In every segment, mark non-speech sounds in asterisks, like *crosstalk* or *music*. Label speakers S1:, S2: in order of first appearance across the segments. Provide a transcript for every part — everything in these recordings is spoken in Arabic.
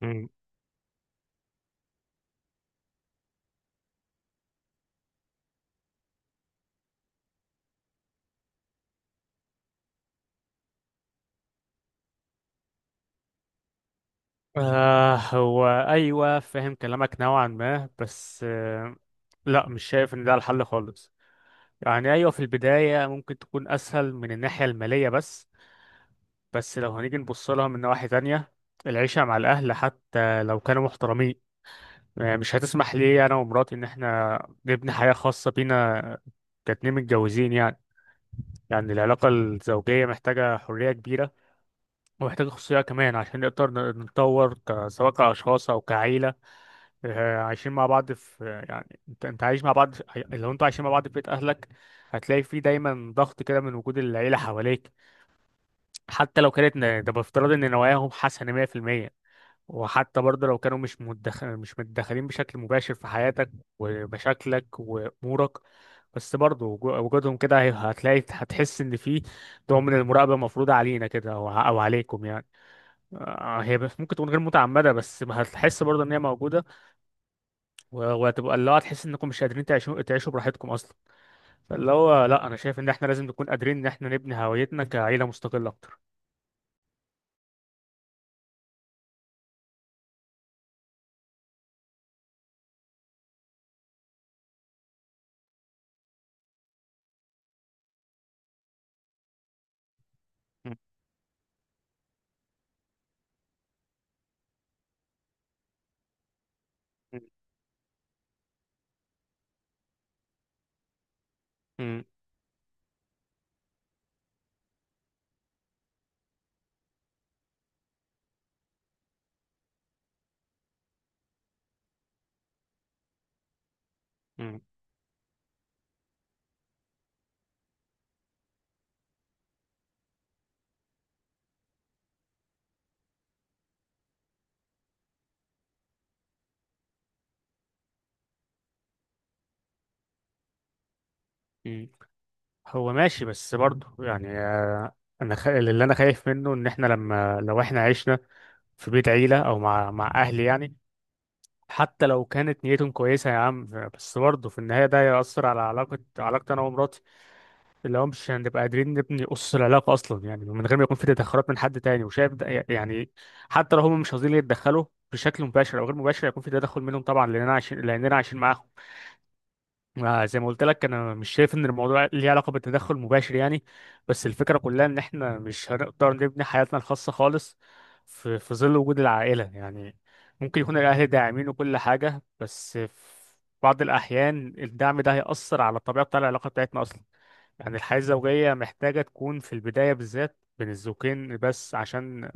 S1: مم. هو أيوة، فاهم كلامك نوعا ما، بس لا، مش شايف إن ده الحل خالص. يعني أيوة، في البداية ممكن تكون أسهل من الناحية المالية، بس لو هنيجي نبص لها من نواحي تانية. العيشة مع الأهل حتى لو كانوا محترمين، مش هتسمح لي أنا ومراتي إن إحنا نبني حياة خاصة بينا، كاتنين متجوزين يعني العلاقة الزوجية محتاجة حرية كبيرة، ومحتاجة خصوصية كمان عشان نقدر نتطور سواء كأشخاص أو كعيلة. عايشين مع بعض في يعني انت عايش مع بعض لو انتوا عايشين مع بعض في بيت اهلك، هتلاقي فيه دايما ضغط كده من وجود العيلة حواليك. حتى لو كانت ده بافتراض ان نواياهم حسنة 100%، وحتى برضه لو كانوا مش متدخلين بشكل مباشر في حياتك ومشاكلك وامورك. بس برضه وجودهم كده هتلاقي، هتحس ان في نوع من المراقبة مفروضة علينا كده، او أو عليكم يعني. هي ممكن تكون غير متعمدة بس هتحس برضه ان هي موجودة، وهتبقى اللي هو تحس انكم مش قادرين تعيشوا براحتكم اصلا. فاللي هو، لا، انا شايف ان احنا لازم نكون قادرين ان احنا نبني هويتنا كعيله مستقله اكتر. مم. مم. مم. مم. هو ماشي، بس برضه يعني اللي انا خايف منه ان احنا لو احنا عشنا في بيت عيله او مع اهلي يعني، حتى لو كانت نيتهم كويسه يا عم، بس برضه في النهايه ده هيأثر على علاقتي انا ومراتي. اللي هو مش هنبقى قادرين نبني أسس العلاقة أصلا، يعني من غير ما يكون في تدخلات من حد تاني، وشايف ده يعني. حتى لو هم مش قاصدين يتدخلوا بشكل مباشر أو غير مباشر، هيكون في تدخل منهم طبعا، لأننا عايشين معاهم. زي ما قلت لك، أنا مش شايف إن الموضوع ليه علاقة بالتدخل المباشر يعني، بس الفكرة كلها إن إحنا مش هنقدر نبني حياتنا الخاصة خالص في ظل وجود العائلة يعني. ممكن يكون الأهل داعمين وكل حاجة، بس في بعض الأحيان الدعم ده هيأثر على الطبيعة بتاع العلاقة بتاعتنا أصلا. يعني الحياة الزوجية محتاجة تكون في البداية بالذات بين الزوجين بس، عشان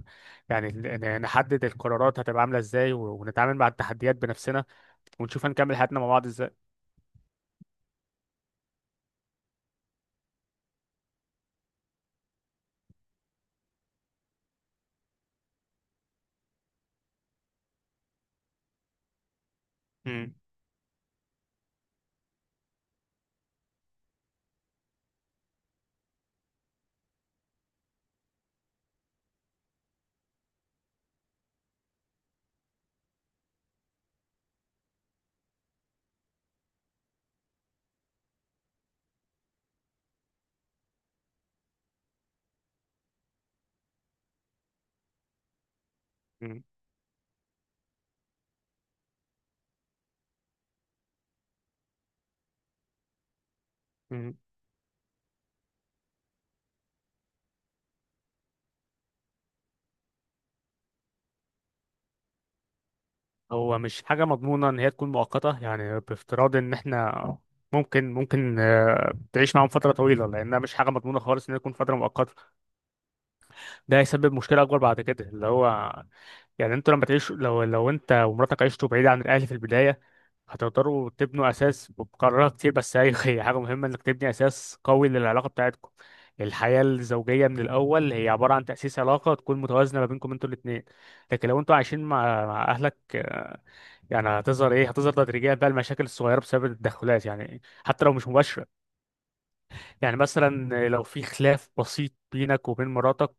S1: يعني نحدد القرارات هتبقى عاملة ازاي، ونتعامل مع التحديات بنفسنا، ونشوف هنكمل حياتنا مع بعض ازاي. مم. مم. مم. هو مش حاجة مضمونة ان هي تكون مؤقتة، يعني بافتراض ان احنا ممكن تعيش معاهم فترة طويلة، لأنها مش حاجة مضمونة خالص إنها تكون فترة مؤقتة. ده هيسبب مشكلة أكبر بعد كده، اللي هو يعني انتوا لما تعيشوا لو انت ومراتك عشتوا بعيد عن الاهل في البدايه، هتقدروا تبنوا اساس بقرارات كتير. بس هي *laughs* هي حاجه مهمه انك تبني اساس قوي للعلاقه بتاعتكم. الحياه الزوجيه من الاول هي عباره عن تاسيس علاقه تكون متوازنه ما بينكم انتوا الاثنين. لكن لو انتوا عايشين مع اهلك، يعني هتظهر هتظهر تدريجيا بقى المشاكل الصغيره بسبب التدخلات، يعني حتى لو مش مباشره. يعني مثلا لو في خلاف بسيط بينك وبين مراتك،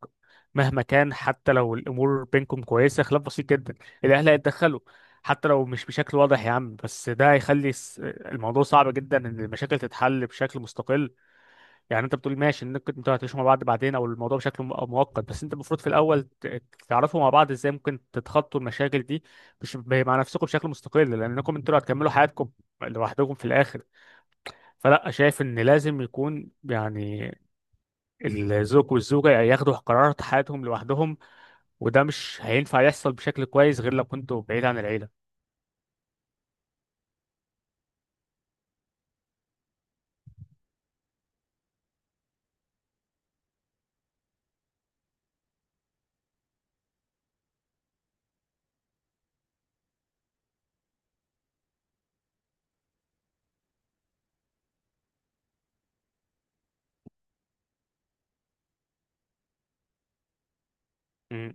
S1: مهما كان، حتى لو الامور بينكم كويسه، خلاف بسيط جدا، الاهل هيتدخلوا، حتى لو مش بشكل واضح يا عم، بس ده هيخلي الموضوع صعب جدا ان المشاكل تتحل بشكل مستقل. يعني انت بتقول ماشي انك انتوا هتعيشوا مع بعض بعدين او الموضوع بشكل مؤقت، بس انت المفروض في الاول تعرفوا مع بعض ازاي ممكن تتخطوا المشاكل دي، مش مع نفسكم بشكل مستقل، لانكم انتوا اللي هتكملوا حياتكم لوحدكم في الاخر. فلا، شايف ان لازم يكون يعني الزوج والزوجة ياخدوا قرارات حياتهم لوحدهم، وده مش هينفع يحصل بشكل كويس غير لو كنتوا بعيد عن العيلة. مم.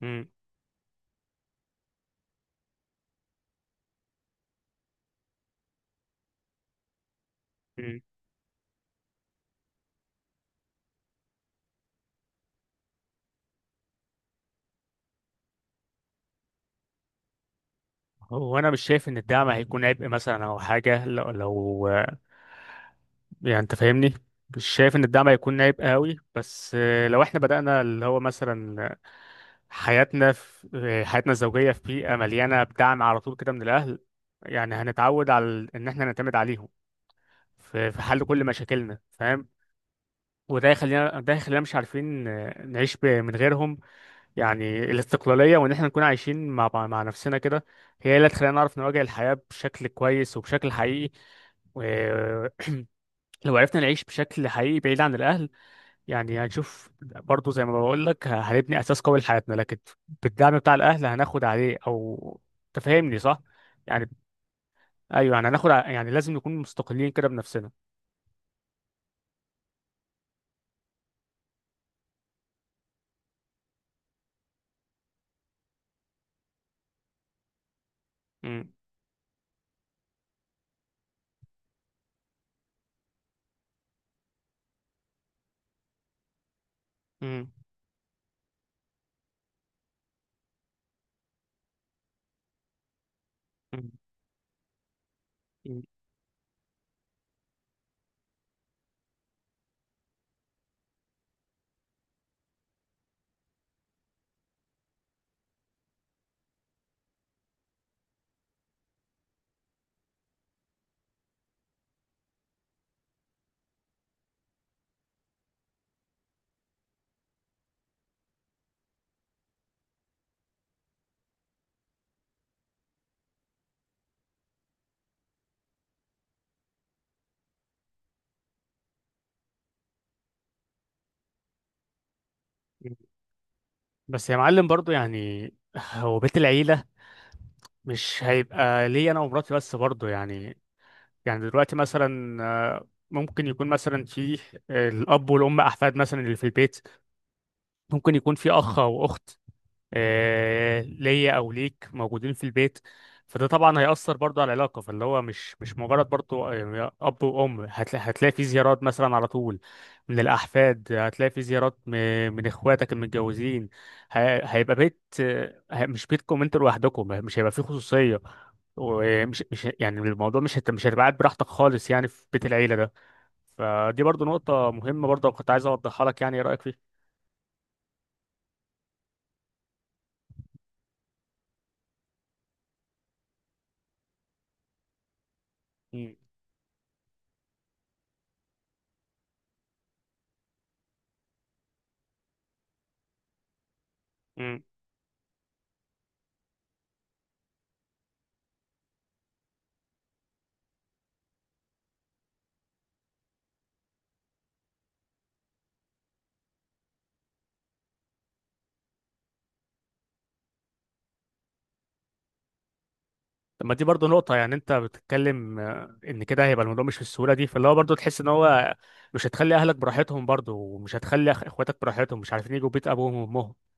S1: مم. مم. هو أنا مش شايف إن الدعم هيكون عبء مثلا أو حاجة، لو يعني أنت فاهمني، مش شايف إن الدعم هيكون عبء قوي، بس لو إحنا بدأنا اللي هو مثلا حياتنا الزوجية في بيئة مليانة بدعم على طول كده من الأهل، يعني هنتعود على إن إحنا نعتمد عليهم في حل كل مشاكلنا، فاهم. وده يخلينا، ده يخلينا مش عارفين، نعيش من غيرهم. يعني الاستقلالية وإن احنا نكون عايشين مع نفسنا كده، هي اللي هتخلينا نعرف نواجه الحياة بشكل كويس وبشكل حقيقي. ولو عرفنا نعيش بشكل حقيقي بعيد عن الأهل، يعني هنشوف برضو، زي ما بقول لك، هنبني أساس قوي لحياتنا. لكن بالدعم بتاع الأهل هناخد عليه أو، تفهمني صح؟ يعني أيوه، يعني هناخد يعني لازم نكون مستقلين كده بنفسنا. م- م- م- م- بس يا معلم برضو يعني، هو بيت العيلة مش هيبقى ليا أنا ومراتي بس برضو يعني. يعني دلوقتي مثلا ممكن يكون مثلا في الأب والأم، أحفاد مثلا اللي في البيت، ممكن يكون في أخ أو أخت ليا او ليك موجودين في البيت. فده طبعا هيأثر برضه على العلاقة. فاللي هو مش مجرد برضه يعني أب وأم، هتلاقي في زيارات مثلا على طول من الأحفاد، هتلاقي في زيارات من إخواتك المتجوزين. ه- هيبقى بيت، مش بيتكم أنتوا لوحدكم، مش هيبقى فيه خصوصية، ومش مش يعني الموضوع مش هتبقى قاعد براحتك خالص يعني في بيت العيلة ده. فدي برضه نقطة مهمة برضه كنت عايز أوضحها لك، يعني إيه رأيك فيها؟ مم. طب ما دي برضه نقطة، يعني أنت بتتكلم إن كده هيبقى الموضوع مش بالسهولة دي، فاللي هو برضه تحس إن هو مش هتخلي أهلك براحتهم برضه، ومش هتخلي إخواتك براحتهم، مش عارفين يجوا بيت أبوهم وأمهم.